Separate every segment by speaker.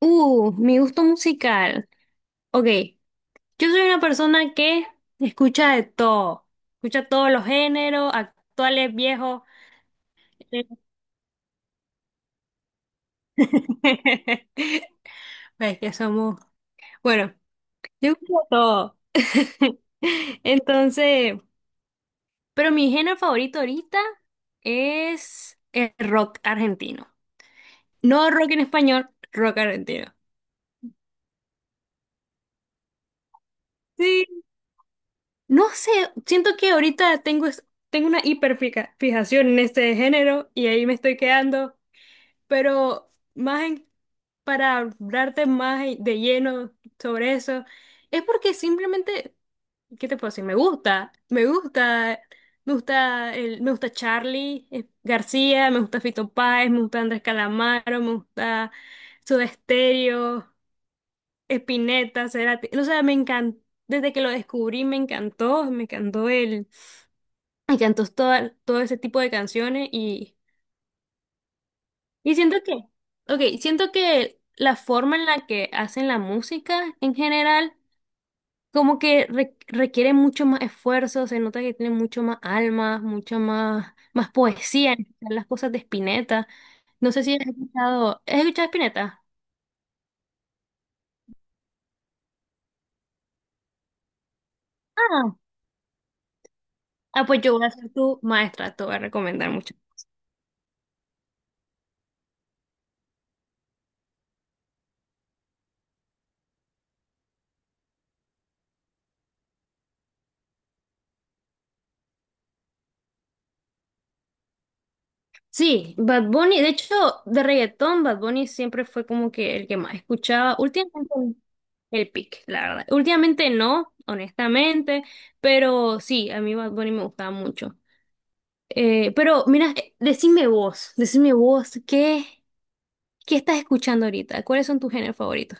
Speaker 1: Mi gusto musical. Ok, yo soy una persona que escucha de todo. Escucha todos los géneros, actuales, viejos. Eh, Ves que somos. Bueno, yo escucho de todo. Entonces, pero mi género favorito ahorita es el rock argentino. No rock en español, rock argentino. No sé, siento que ahorita tengo, tengo una hiperfijación en este género y ahí me estoy quedando, pero más para hablarte más de lleno sobre eso, es porque simplemente, ¿qué te puedo decir? Me gusta, me gusta, me gusta, el, me gusta Charly García, me gusta Fito Páez, me gusta Andrés Calamaro, me gusta Soda Stereo, Spinetta, Cerati, o sea, me encantó, desde que lo descubrí me encantó el, me encantó todo ese tipo de canciones y siento que, ok, siento que la forma en la que hacen la música en general, como que requiere mucho más esfuerzo, se nota que tiene mucho más alma, mucha más, más poesía en las cosas de Spinetta. No sé si has escuchado, ¿has escuchado Spinetta? Ah, ah, pues yo voy a ser tu maestra, te voy a recomendar mucho. Sí, Bad Bunny, de hecho, de reggaetón, Bad Bunny siempre fue como que el que más escuchaba. Últimamente el pick, la verdad. Últimamente no, honestamente, pero sí, a mí Bad Bunny me gustaba mucho. Pero mira, decime vos, ¿qué estás escuchando ahorita? ¿Cuáles son tus géneros favoritos?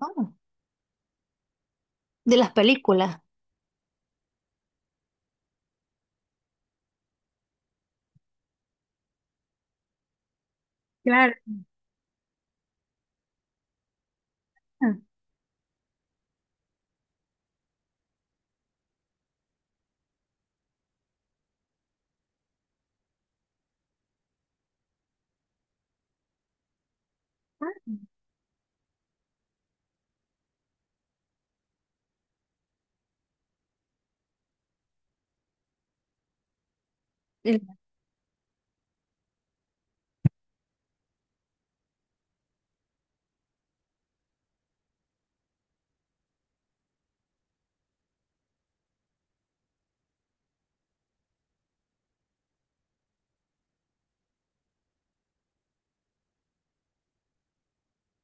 Speaker 1: Ah, de las películas. Claro. Ah, El-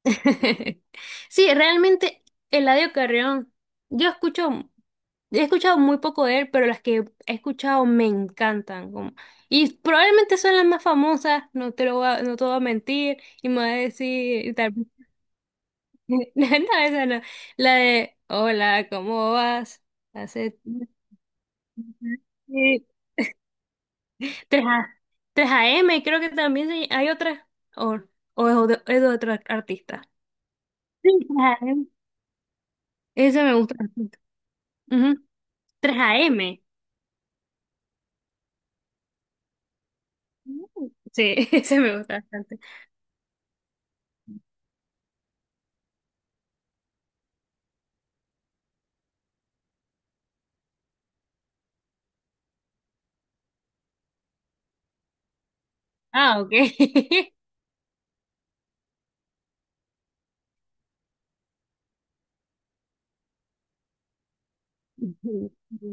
Speaker 1: Sí, realmente Eladio Carrión, yo escucho, he escuchado muy poco de él, pero las que he escuchado me encantan. Y probablemente son las más famosas, no te lo voy a, no te voy a mentir, y me va a decir, y tal. No, esa no. La de, hola, ¿cómo vas? Hace... Sí. tres a 3AM, creo que también hay otra, o, o es de otro artista. Sí, 3AM. Esa me gusta. Ujú. 3AM. Mm. Sí, ese me gusta bastante. Ah, ok. Ujú, ujú.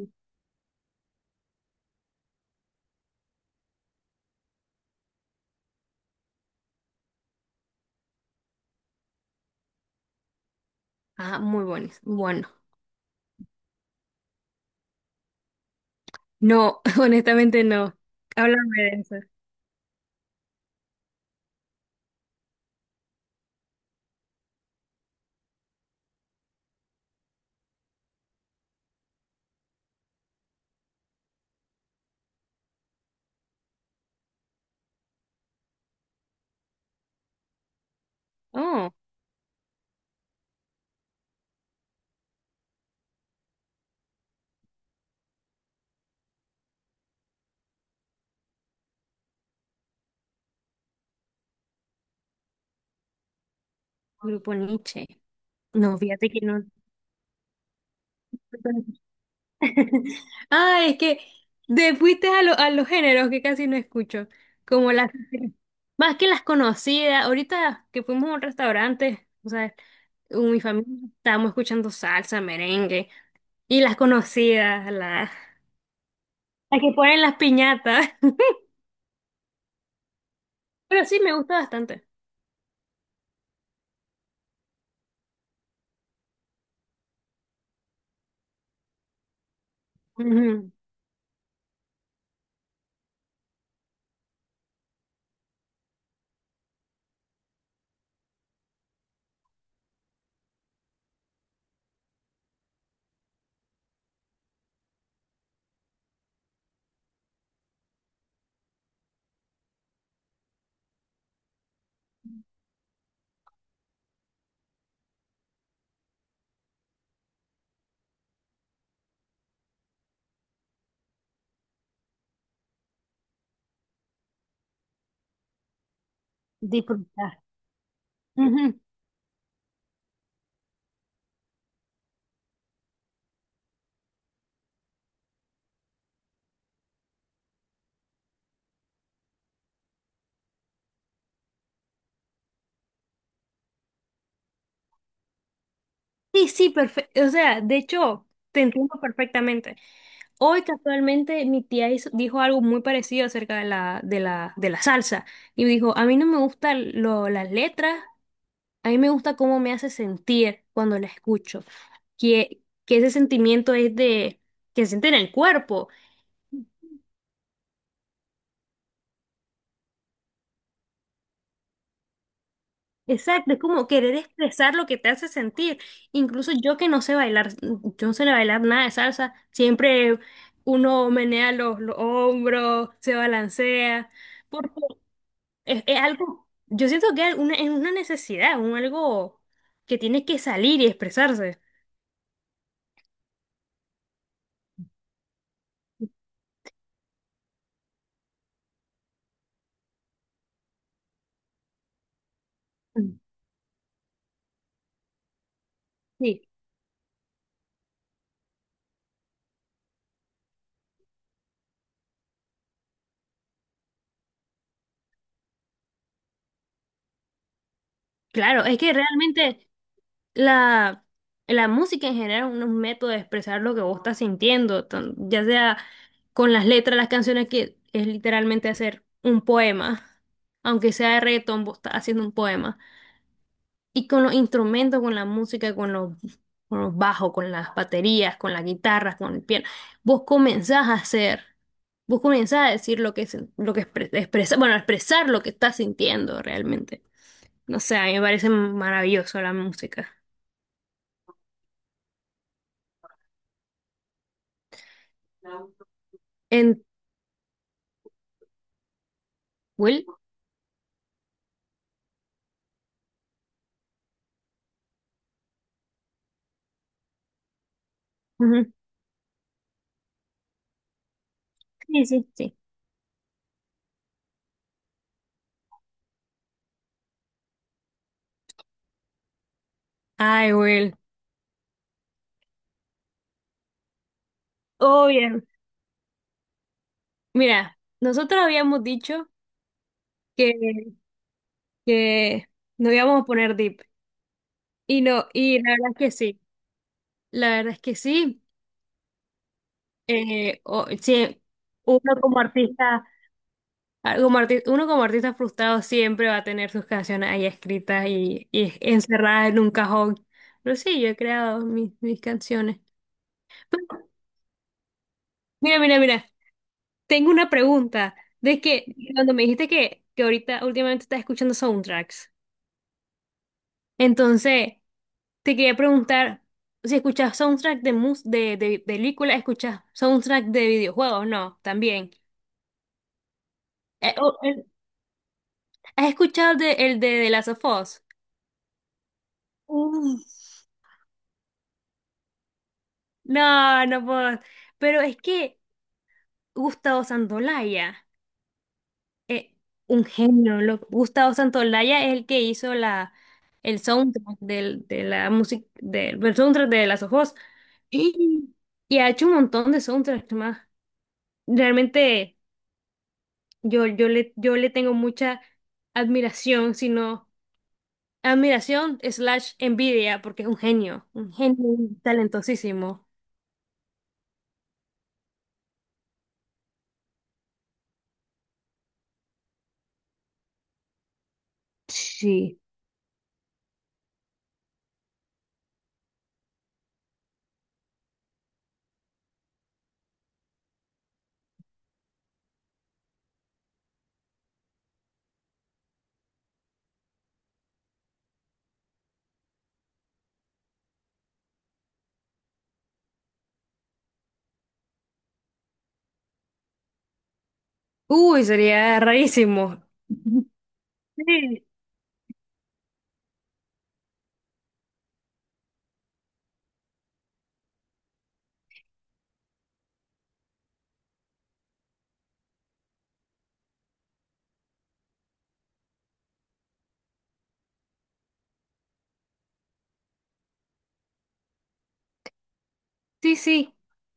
Speaker 1: Ah, muy buenos. Bueno, no, honestamente no. Háblame de eso. Oh, Grupo Nietzsche. No, fíjate que no. Ah, es que te fuiste a, a los géneros que casi no escucho. Como las. Más que las conocidas. Ahorita que fuimos a un restaurante, o sea, con mi familia estábamos escuchando salsa, merengue. Y las conocidas, la. La que ponen las piñatas. Pero sí, me gusta bastante. Ujú, disfrutar. Ujú. Sí, sí, perfecto. O sea, de hecho, te entiendo perfectamente. Hoy casualmente mi tía dijo algo muy parecido acerca de la salsa. Y dijo, a mí no me gustan las letras, a mí me gusta cómo me hace sentir cuando la escucho. Que ese sentimiento que se siente en el cuerpo. Exacto, es como querer expresar lo que te hace sentir. Incluso yo que no sé bailar, yo no sé bailar nada de salsa, siempre uno menea los hombros, se balancea, porque es algo, yo siento que es una necesidad, un algo que tiene que salir y expresarse. Mm. Sí, claro, es que realmente La, la música en general es un método de expresar lo que vos estás sintiendo, ya sea con las letras, las canciones, que es literalmente hacer un poema, aunque sea de reggaetón, vos estás haciendo un poema. Y con los instrumentos, con la música, con los bajos, con las baterías, con las guitarras, con el piano, vos comenzás a hacer, vos comenzás a decir lo que bueno, a expresar lo que estás sintiendo realmente. No sé, a mí me parece maravilloso la música. Will. Ujú. Sí, sí, sí. Ay, Will. Oh, bien. Mira, nosotros habíamos dicho que, que nos íbamos a poner deep. Y no, y la verdad es que sí. La verdad es que sí. Sí, uno como artista, ah, uno como artista frustrado siempre va a tener sus canciones ahí escritas y encerradas en un cajón. Pero sí, yo he creado mis canciones. Mira, mira, mira. Tengo una pregunta de que cuando me dijiste que ahorita últimamente estás escuchando soundtracks, entonces te quería preguntar si escuchas soundtrack de películas, escuchas soundtrack de videojuegos, no, también. Eh, o- eh, ¿Has escuchado el de The Last of Us? Uf, no, no puedo. Pero es que Gustavo Santolaya. eh, un genio, Gustavo Santolaya es el que hizo el soundtrack de la música, del soundtrack de Las Ojos. Y, y ha hecho un montón de soundtracks más. Realmente yo le tengo mucha admiración, sino admiración slash envidia, porque es un genio talentosísimo. Sí. Uy, sería rarísimo. Sí, sí, sí.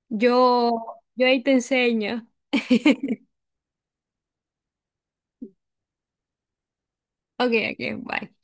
Speaker 1: Yo, yo ahí te enseño. Okay, okay, bye.